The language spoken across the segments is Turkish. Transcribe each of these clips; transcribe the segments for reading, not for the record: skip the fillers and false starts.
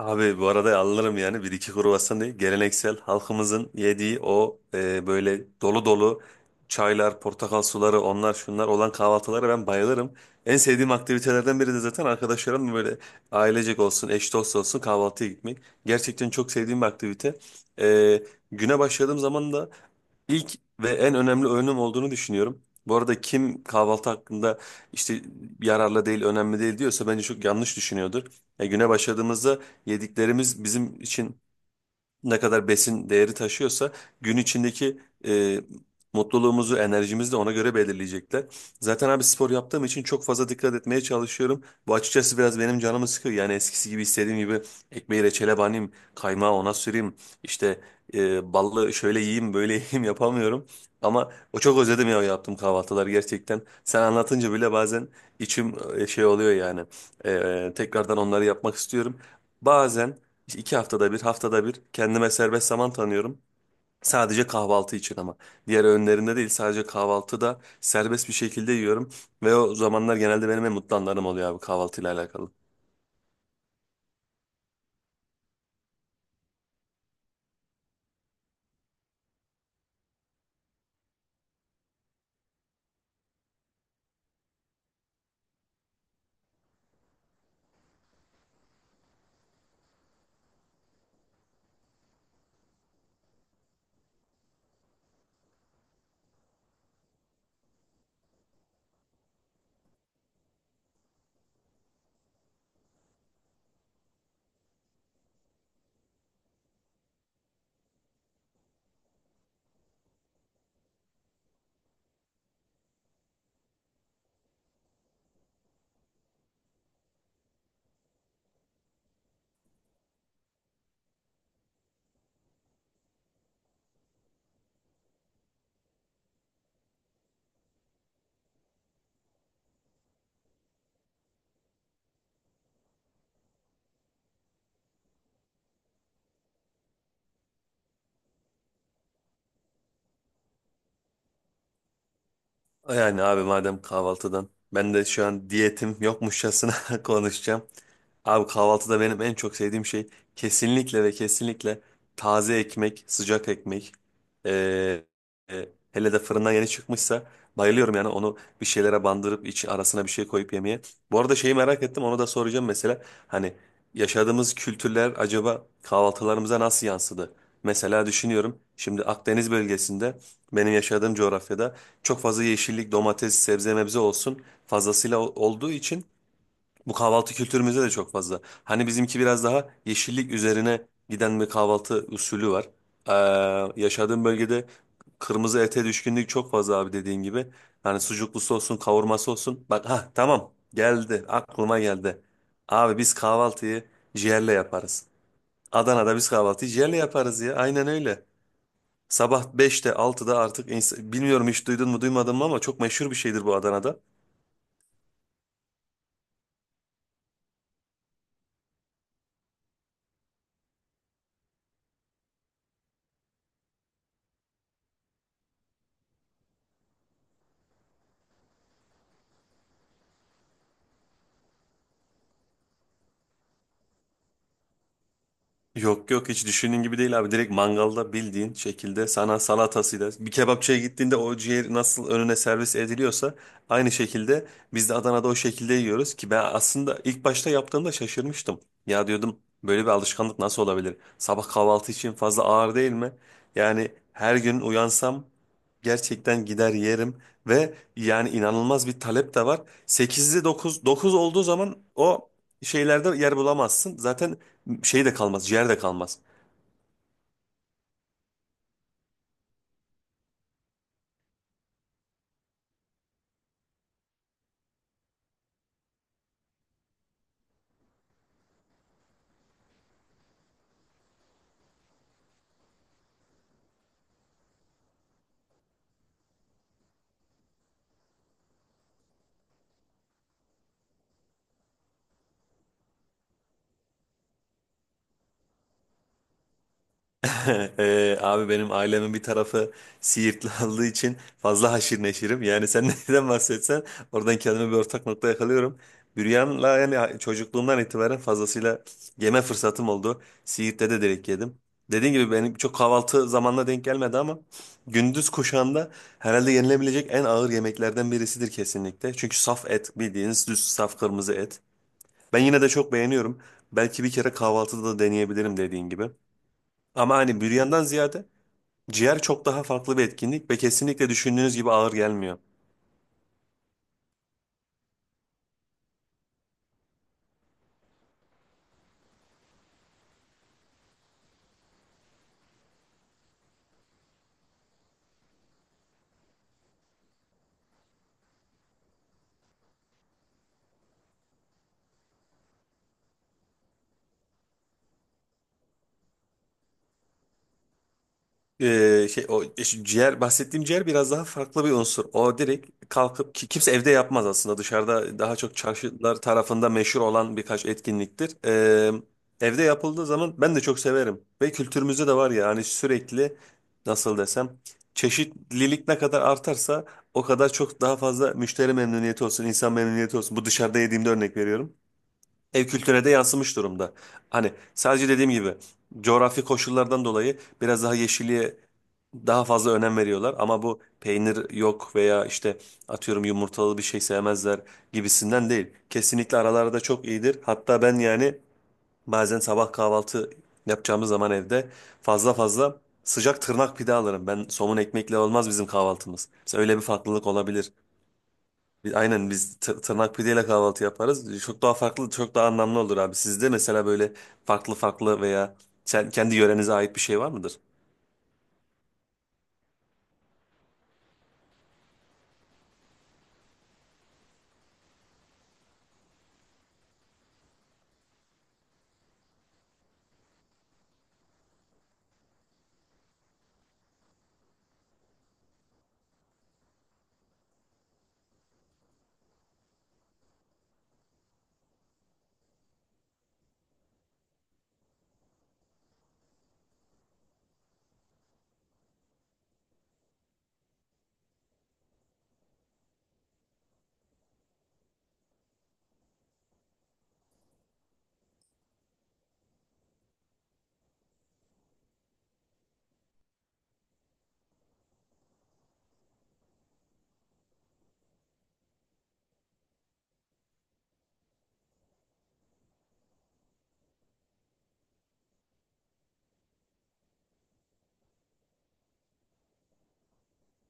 Abi bu arada alırım yani bir iki kruvasan değil. Geleneksel halkımızın yediği o böyle dolu dolu çaylar, portakal suları onlar şunlar olan kahvaltılara ben bayılırım. En sevdiğim aktivitelerden biri de zaten arkadaşlarımla böyle ailecek olsun, eş dost olsun kahvaltıya gitmek. Gerçekten çok sevdiğim bir aktivite. E, Güne başladığım zaman da İlk ve en önemli önüm olduğunu düşünüyorum. Bu arada kim kahvaltı hakkında işte yararlı değil, önemli değil diyorsa bence çok yanlış düşünüyordur. Ya güne başladığımızda yediklerimiz bizim için ne kadar besin değeri taşıyorsa gün içindeki e, mutluluğumuzu, enerjimizi de ona göre belirleyecekler. Zaten abi spor yaptığım için çok fazla dikkat etmeye çalışıyorum. Bu açıkçası biraz benim canımı sıkıyor. Yani eskisi gibi istediğim gibi ekmeği reçele banayım, kaymağı ona süreyim, işte ballı şöyle yiyeyim, böyle yiyeyim yapamıyorum. Ama o çok özledim ya o yaptığım kahvaltılar gerçekten. Sen anlatınca bile bazen içim şey oluyor yani. Tekrardan onları yapmak istiyorum. Bazen işte 2 haftada bir, haftada bir kendime serbest zaman tanıyorum. Sadece kahvaltı için ama. Diğer öğünlerinde değil sadece kahvaltıda serbest bir şekilde yiyorum. Ve o zamanlar genelde benim en mutlu anlarım oluyor abi kahvaltıyla alakalı. Yani abi madem kahvaltıdan. Ben de şu an diyetim yokmuşçasına konuşacağım. Abi kahvaltıda benim en çok sevdiğim şey kesinlikle ve kesinlikle taze ekmek, sıcak ekmek. Ee, Hele de fırından yeni çıkmışsa bayılıyorum yani onu bir şeylere bandırıp içi arasına bir şey koyup yemeye. Bu arada şeyi merak ettim onu da soracağım mesela. Hani yaşadığımız kültürler acaba kahvaltılarımıza nasıl yansıdı? Mesela düşünüyorum şimdi Akdeniz bölgesinde benim yaşadığım coğrafyada çok fazla yeşillik, domates, sebze mebze olsun fazlasıyla olduğu için bu kahvaltı kültürümüzde de çok fazla. Hani bizimki biraz daha yeşillik üzerine giden bir kahvaltı usulü var. Yaşadığım bölgede kırmızı ete düşkünlük çok fazla abi dediğin gibi. Hani sucuklusu olsun, kavurması olsun. Bak ha tamam geldi aklıma geldi. Abi biz kahvaltıyı ciğerle yaparız. Adana'da biz kahvaltıyı ciğerle yaparız ya aynen öyle. Sabah 5'te 6'da artık bilmiyorum hiç duydun mu duymadın mı ama çok meşhur bir şeydir bu Adana'da. Yok yok hiç düşündüğün gibi değil abi. Direkt mangalda bildiğin şekilde sana salatasıyla bir kebapçıya gittiğinde o ciğer nasıl önüne servis ediliyorsa aynı şekilde biz de Adana'da o şekilde yiyoruz ki ben aslında ilk başta yaptığımda şaşırmıştım. Ya diyordum böyle bir alışkanlık nasıl olabilir? Sabah kahvaltı için fazla ağır değil mi? Yani her gün uyansam gerçekten gider yerim ve yani inanılmaz bir talep de var. 8'de dokuz olduğu zaman o şeylerde yer bulamazsın. Zaten şey de kalmaz, ciğer de kalmaz. Abi benim ailemin bir tarafı Siirtli olduğu için fazla haşir neşirim. Yani sen neden bahsetsen oradan kendime bir ortak nokta yakalıyorum. Büryan'la yani çocukluğumdan itibaren fazlasıyla yeme fırsatım oldu. Siirt'te de direkt yedim. Dediğim gibi benim çok kahvaltı zamanına denk gelmedi ama gündüz kuşağında herhalde yenilebilecek en ağır yemeklerden birisidir kesinlikle. Çünkü saf et bildiğiniz düz saf kırmızı et. Ben yine de çok beğeniyorum. Belki bir kere kahvaltıda da deneyebilirim dediğin gibi. Ama hani büryandan ziyade ciğer çok daha farklı bir etkinlik ve kesinlikle düşündüğünüz gibi ağır gelmiyor. Şey o işte ciğer bahsettiğim ciğer biraz daha farklı bir unsur. O direkt kalkıp ki kimse evde yapmaz aslında. Dışarıda daha çok çarşılar tarafında meşhur olan birkaç etkinliktir. Evde yapıldığı zaman ben de çok severim ve kültürümüzde de var ya hani sürekli nasıl desem çeşitlilik ne kadar artarsa o kadar çok daha fazla müşteri memnuniyeti olsun, insan memnuniyeti olsun. Bu dışarıda yediğimde örnek veriyorum ev kültürüne de yansımış durumda. Hani sadece dediğim gibi coğrafi koşullardan dolayı biraz daha yeşilliğe daha fazla önem veriyorlar ama bu peynir yok veya işte atıyorum yumurtalı bir şey sevmezler gibisinden değil. Kesinlikle aralarda çok iyidir. Hatta ben yani bazen sabah kahvaltı yapacağımız zaman evde fazla fazla sıcak tırnak pide alırım. Ben somun ekmekle olmaz bizim kahvaltımız. Mesela öyle bir farklılık olabilir. Aynen biz tırnak pideyle kahvaltı yaparız. Çok daha farklı, çok daha anlamlı olur abi. Sizde mesela böyle farklı farklı veya kendi yörenize ait bir şey var mıdır?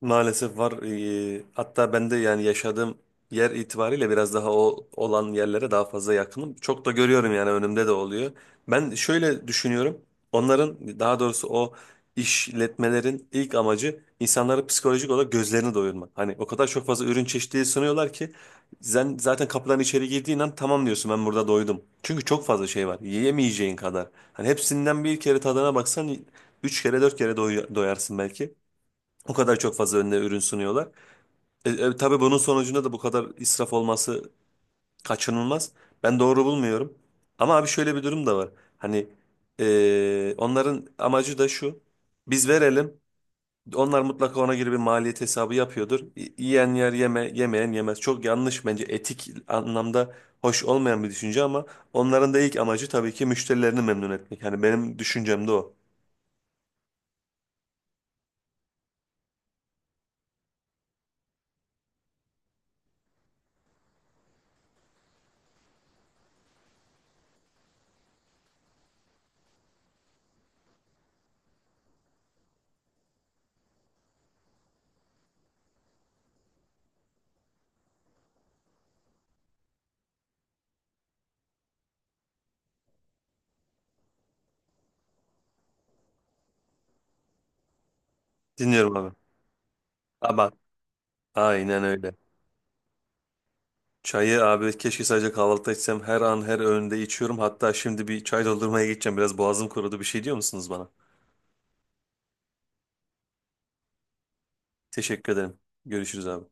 Maalesef var. Hatta ben de yani yaşadığım yer itibariyle biraz daha o olan yerlere daha fazla yakınım. Çok da görüyorum yani önümde de oluyor. Ben şöyle düşünüyorum. Onların daha doğrusu o işletmelerin ilk amacı insanları psikolojik olarak gözlerini doyurmak. Hani o kadar çok fazla ürün çeşitliliği sunuyorlar ki sen zaten kapıdan içeri girdiğin an tamam diyorsun ben burada doydum. Çünkü çok fazla şey var. Yiyemeyeceğin kadar. Hani hepsinden bir kere tadına baksan üç kere dört kere doyarsın belki. O kadar çok fazla önüne ürün sunuyorlar. Tabii bunun sonucunda da bu kadar israf olması kaçınılmaz. Ben doğru bulmuyorum. Ama abi şöyle bir durum da var. Hani onların amacı da şu. Biz verelim. Onlar mutlaka ona göre bir maliyet hesabı yapıyordur. Yiyen yer yeme, yemeyen yemez. Çok yanlış bence etik anlamda hoş olmayan bir düşünce ama onların da ilk amacı tabii ki müşterilerini memnun etmek. Hani benim düşüncem de o. Dinliyorum abi. Ama aynen öyle. Çayı abi keşke sadece kahvaltıda içsem. Her an her öğünde içiyorum. Hatta şimdi bir çay doldurmaya gideceğim. Biraz boğazım kurudu. Bir şey diyor musunuz bana? Teşekkür ederim. Görüşürüz abi.